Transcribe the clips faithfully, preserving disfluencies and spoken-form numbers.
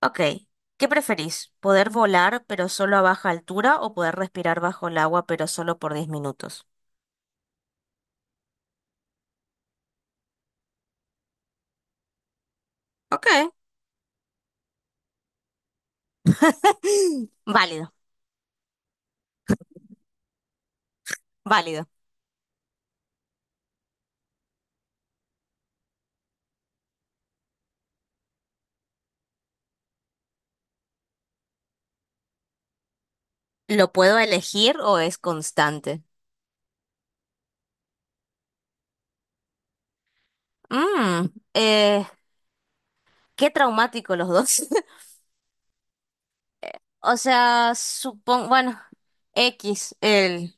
Ok, ¿qué preferís? ¿Poder volar pero solo a baja altura o poder respirar bajo el agua pero solo por diez minutos? Ok, válido, válido. ¿Lo puedo elegir o es constante? Mm, eh, qué traumático los dos. O sea, supongo, bueno, X, el...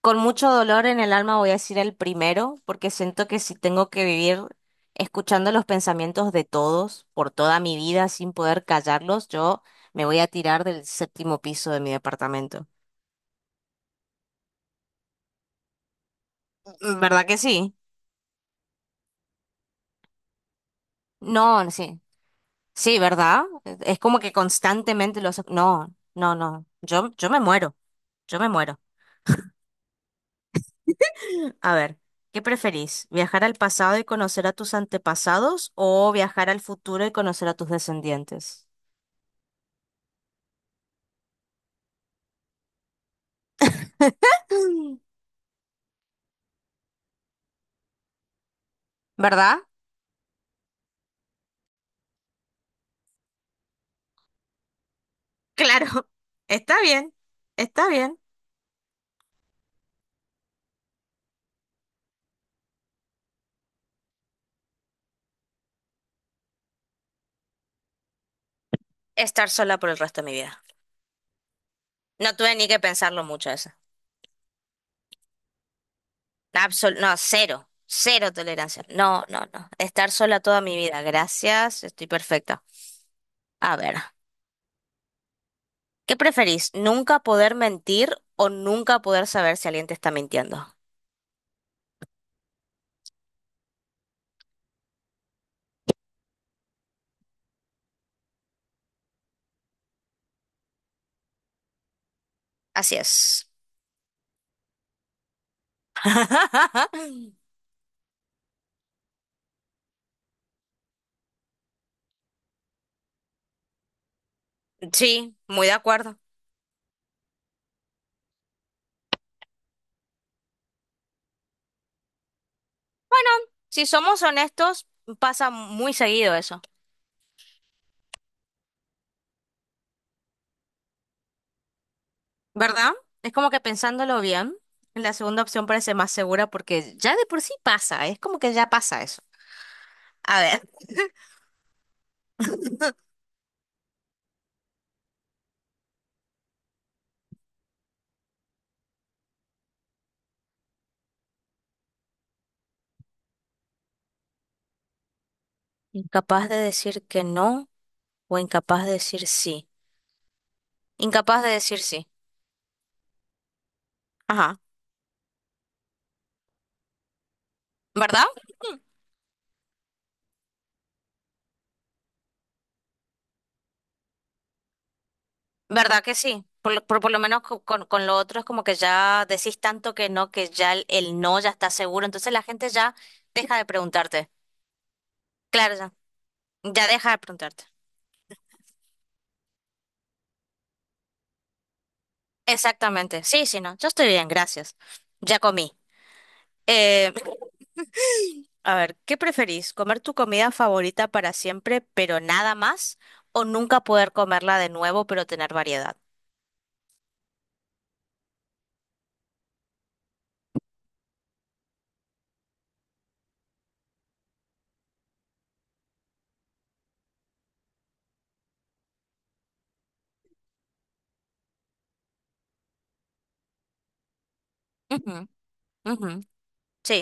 Con mucho dolor en el alma voy a decir el primero, porque siento que si tengo que vivir escuchando los pensamientos de todos por toda mi vida sin poder callarlos, yo me voy a tirar del séptimo piso de mi departamento. ¿Verdad que sí? No, sí. Sí, ¿verdad? Es como que constantemente los... No, no, no. Yo, yo me muero. Yo me muero. A ver, ¿qué preferís? ¿Viajar al pasado y conocer a tus antepasados o viajar al futuro y conocer a tus descendientes? ¿Verdad? Claro, está bien, está bien, estar sola por el resto de mi vida. No tuve ni que pensarlo mucho eso. Absol- no, cero, cero tolerancia. No, no, no. Estar sola toda mi vida. Gracias, estoy perfecta. A ver, ¿qué preferís? ¿Nunca poder mentir o nunca poder saber si alguien te está mintiendo? Así es. Sí, muy de acuerdo. Bueno, si somos honestos, pasa muy seguido eso. ¿Verdad? Es como que pensándolo bien, la segunda opción parece más segura porque ya de por sí pasa, es como que ya pasa eso. A ver. Incapaz de decir que no o incapaz de decir sí. Incapaz de decir sí. Ajá. ¿Verdad? ¿Verdad que sí? Por, lo por- por- lo menos co- con, con lo otro es como que ya decís tanto que no, que ya el, el no ya está seguro, entonces la gente ya deja de preguntarte. Claro, ya. Ya deja de preguntarte. Exactamente. Sí, sí, no. Yo estoy bien, gracias. Ya comí. Eh, A ver, ¿qué preferís? ¿Comer tu comida favorita para siempre, pero nada más? ¿O nunca poder comerla de nuevo, pero tener variedad? Ujú, ujú. Sí,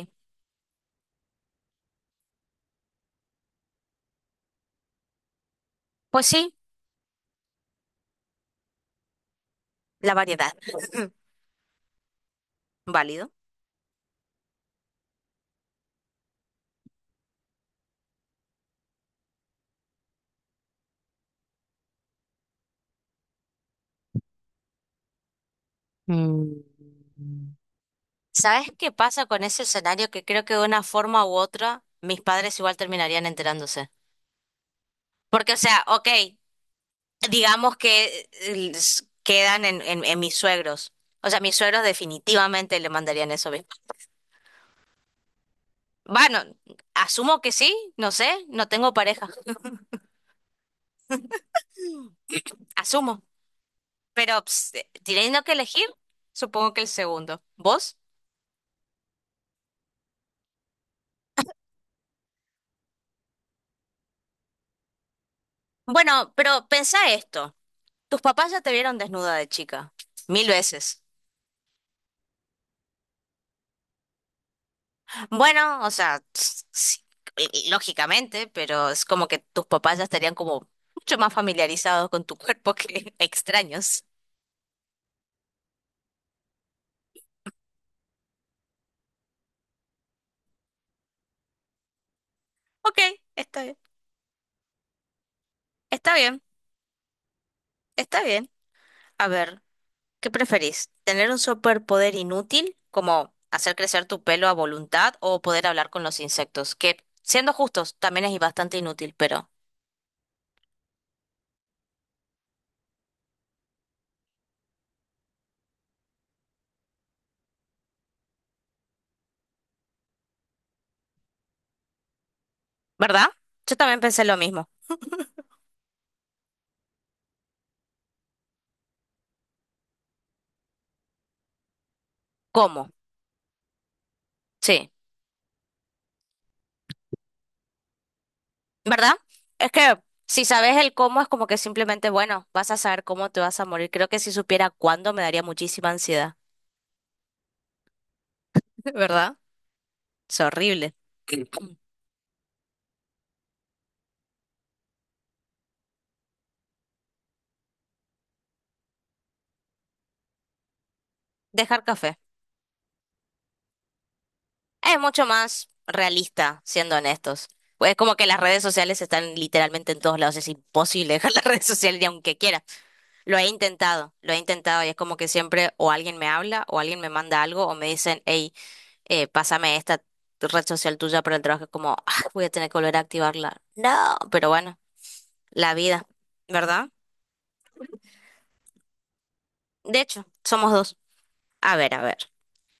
pues sí, la variedad. Válido. Mm. ¿Sabes qué pasa con ese escenario? Que creo que de una forma u otra mis padres igual terminarían enterándose. Porque, o sea, ok, digamos que eh, s- quedan en, en, en mis suegros. O sea, mis suegros definitivamente le mandarían eso mismo. Bueno, asumo que sí, no sé, no tengo pareja, asumo. Pero ps, teniendo que elegir, supongo que el segundo. ¿Vos? Bueno, pero pensá esto. Tus papás ya te vieron desnuda de chica, mil veces. Bueno, o sea, ps, sí, y- y lógicamente, pero es como que tus papás ya estarían como mucho más familiarizados con tu cuerpo que extraños. Ok, está bien. Está bien, está bien. A ver. ¿Qué preferís? ¿Tener un superpoder inútil, como hacer crecer tu pelo a voluntad o poder hablar con los insectos? Que, siendo justos, también es bastante inútil, pero ¿verdad? Yo también pensé lo mismo. ¿Cómo? Sí, ¿verdad? Es que si sabes el cómo es como que simplemente, bueno, vas a saber cómo te vas a morir. Creo que si supiera cuándo me daría muchísima ansiedad. ¿Verdad? Es horrible. Dejar café. Es mucho más realista, siendo honestos. Pues es como que las redes sociales están literalmente en todos lados. Es imposible dejar las redes sociales ni aunque quiera. Lo he intentado, lo he intentado y es como que siempre o alguien me habla o alguien me manda algo o me dicen, hey, eh, pásame esta red social tuya para el trabajo. Es como, "Ah, voy a tener que volver a activarla". No, pero bueno, la vida, ¿verdad? De hecho, somos dos. A ver, a ver.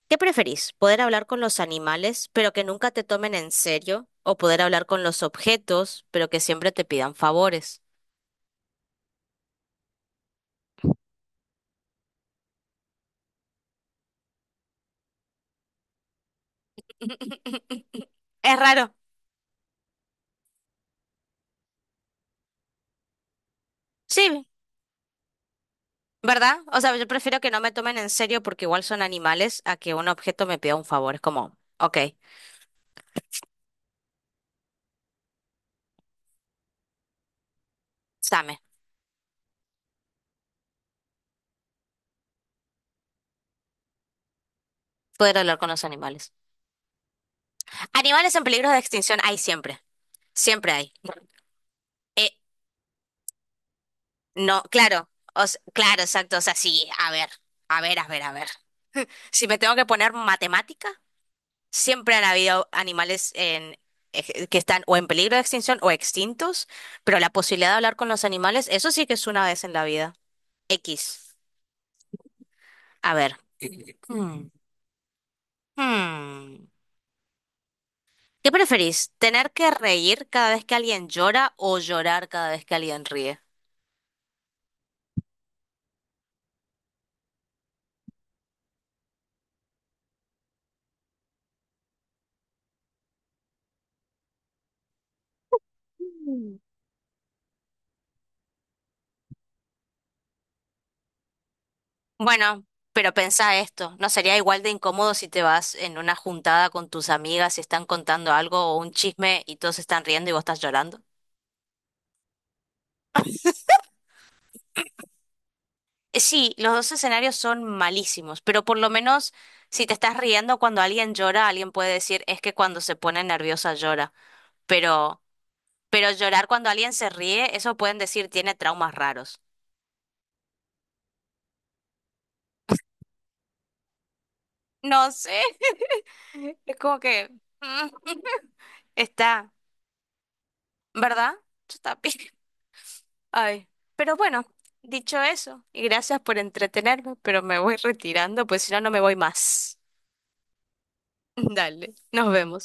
¿Qué preferís? ¿Poder hablar con los animales, pero que nunca te tomen en serio? ¿O poder hablar con los objetos, pero que siempre te pidan favores? Es raro. Sí, ¿verdad? O sea, yo prefiero que no me tomen en serio porque igual son animales a que un objeto me pida un favor. Es como, ok, dame, poder hablar con los animales. Animales en peligro de extinción hay siempre. Siempre hay. Eh, no, claro. O s- claro, exacto. O sea, sí, a ver, a ver, a ver, a ver. Si me tengo que poner matemática. Siempre han habido animales en, ej- que están o en peligro de extinción o extintos, pero la posibilidad de hablar con los animales, eso sí que es una vez en la vida. X. A ver. Hmm. Hmm. ¿Qué preferís? ¿Tener que reír cada vez que alguien llora o llorar cada vez que alguien ríe? Bueno, pero pensá esto, ¿no sería igual de incómodo si te vas en una juntada con tus amigas y están contando algo o un chisme y todos están riendo y vos estás llorando? Eh, Sí, los dos escenarios son malísimos, pero por lo menos si te estás riendo cuando alguien llora, alguien puede decir es que cuando se pone nerviosa llora, pero pero llorar cuando alguien se ríe, eso pueden decir tiene traumas raros. No sé, es como que mm, está, ¿verdad? Está bien. Ay, pero bueno, dicho eso, y gracias por entretenerme, pero me voy retirando, pues si no no me voy más. Dale, nos vemos.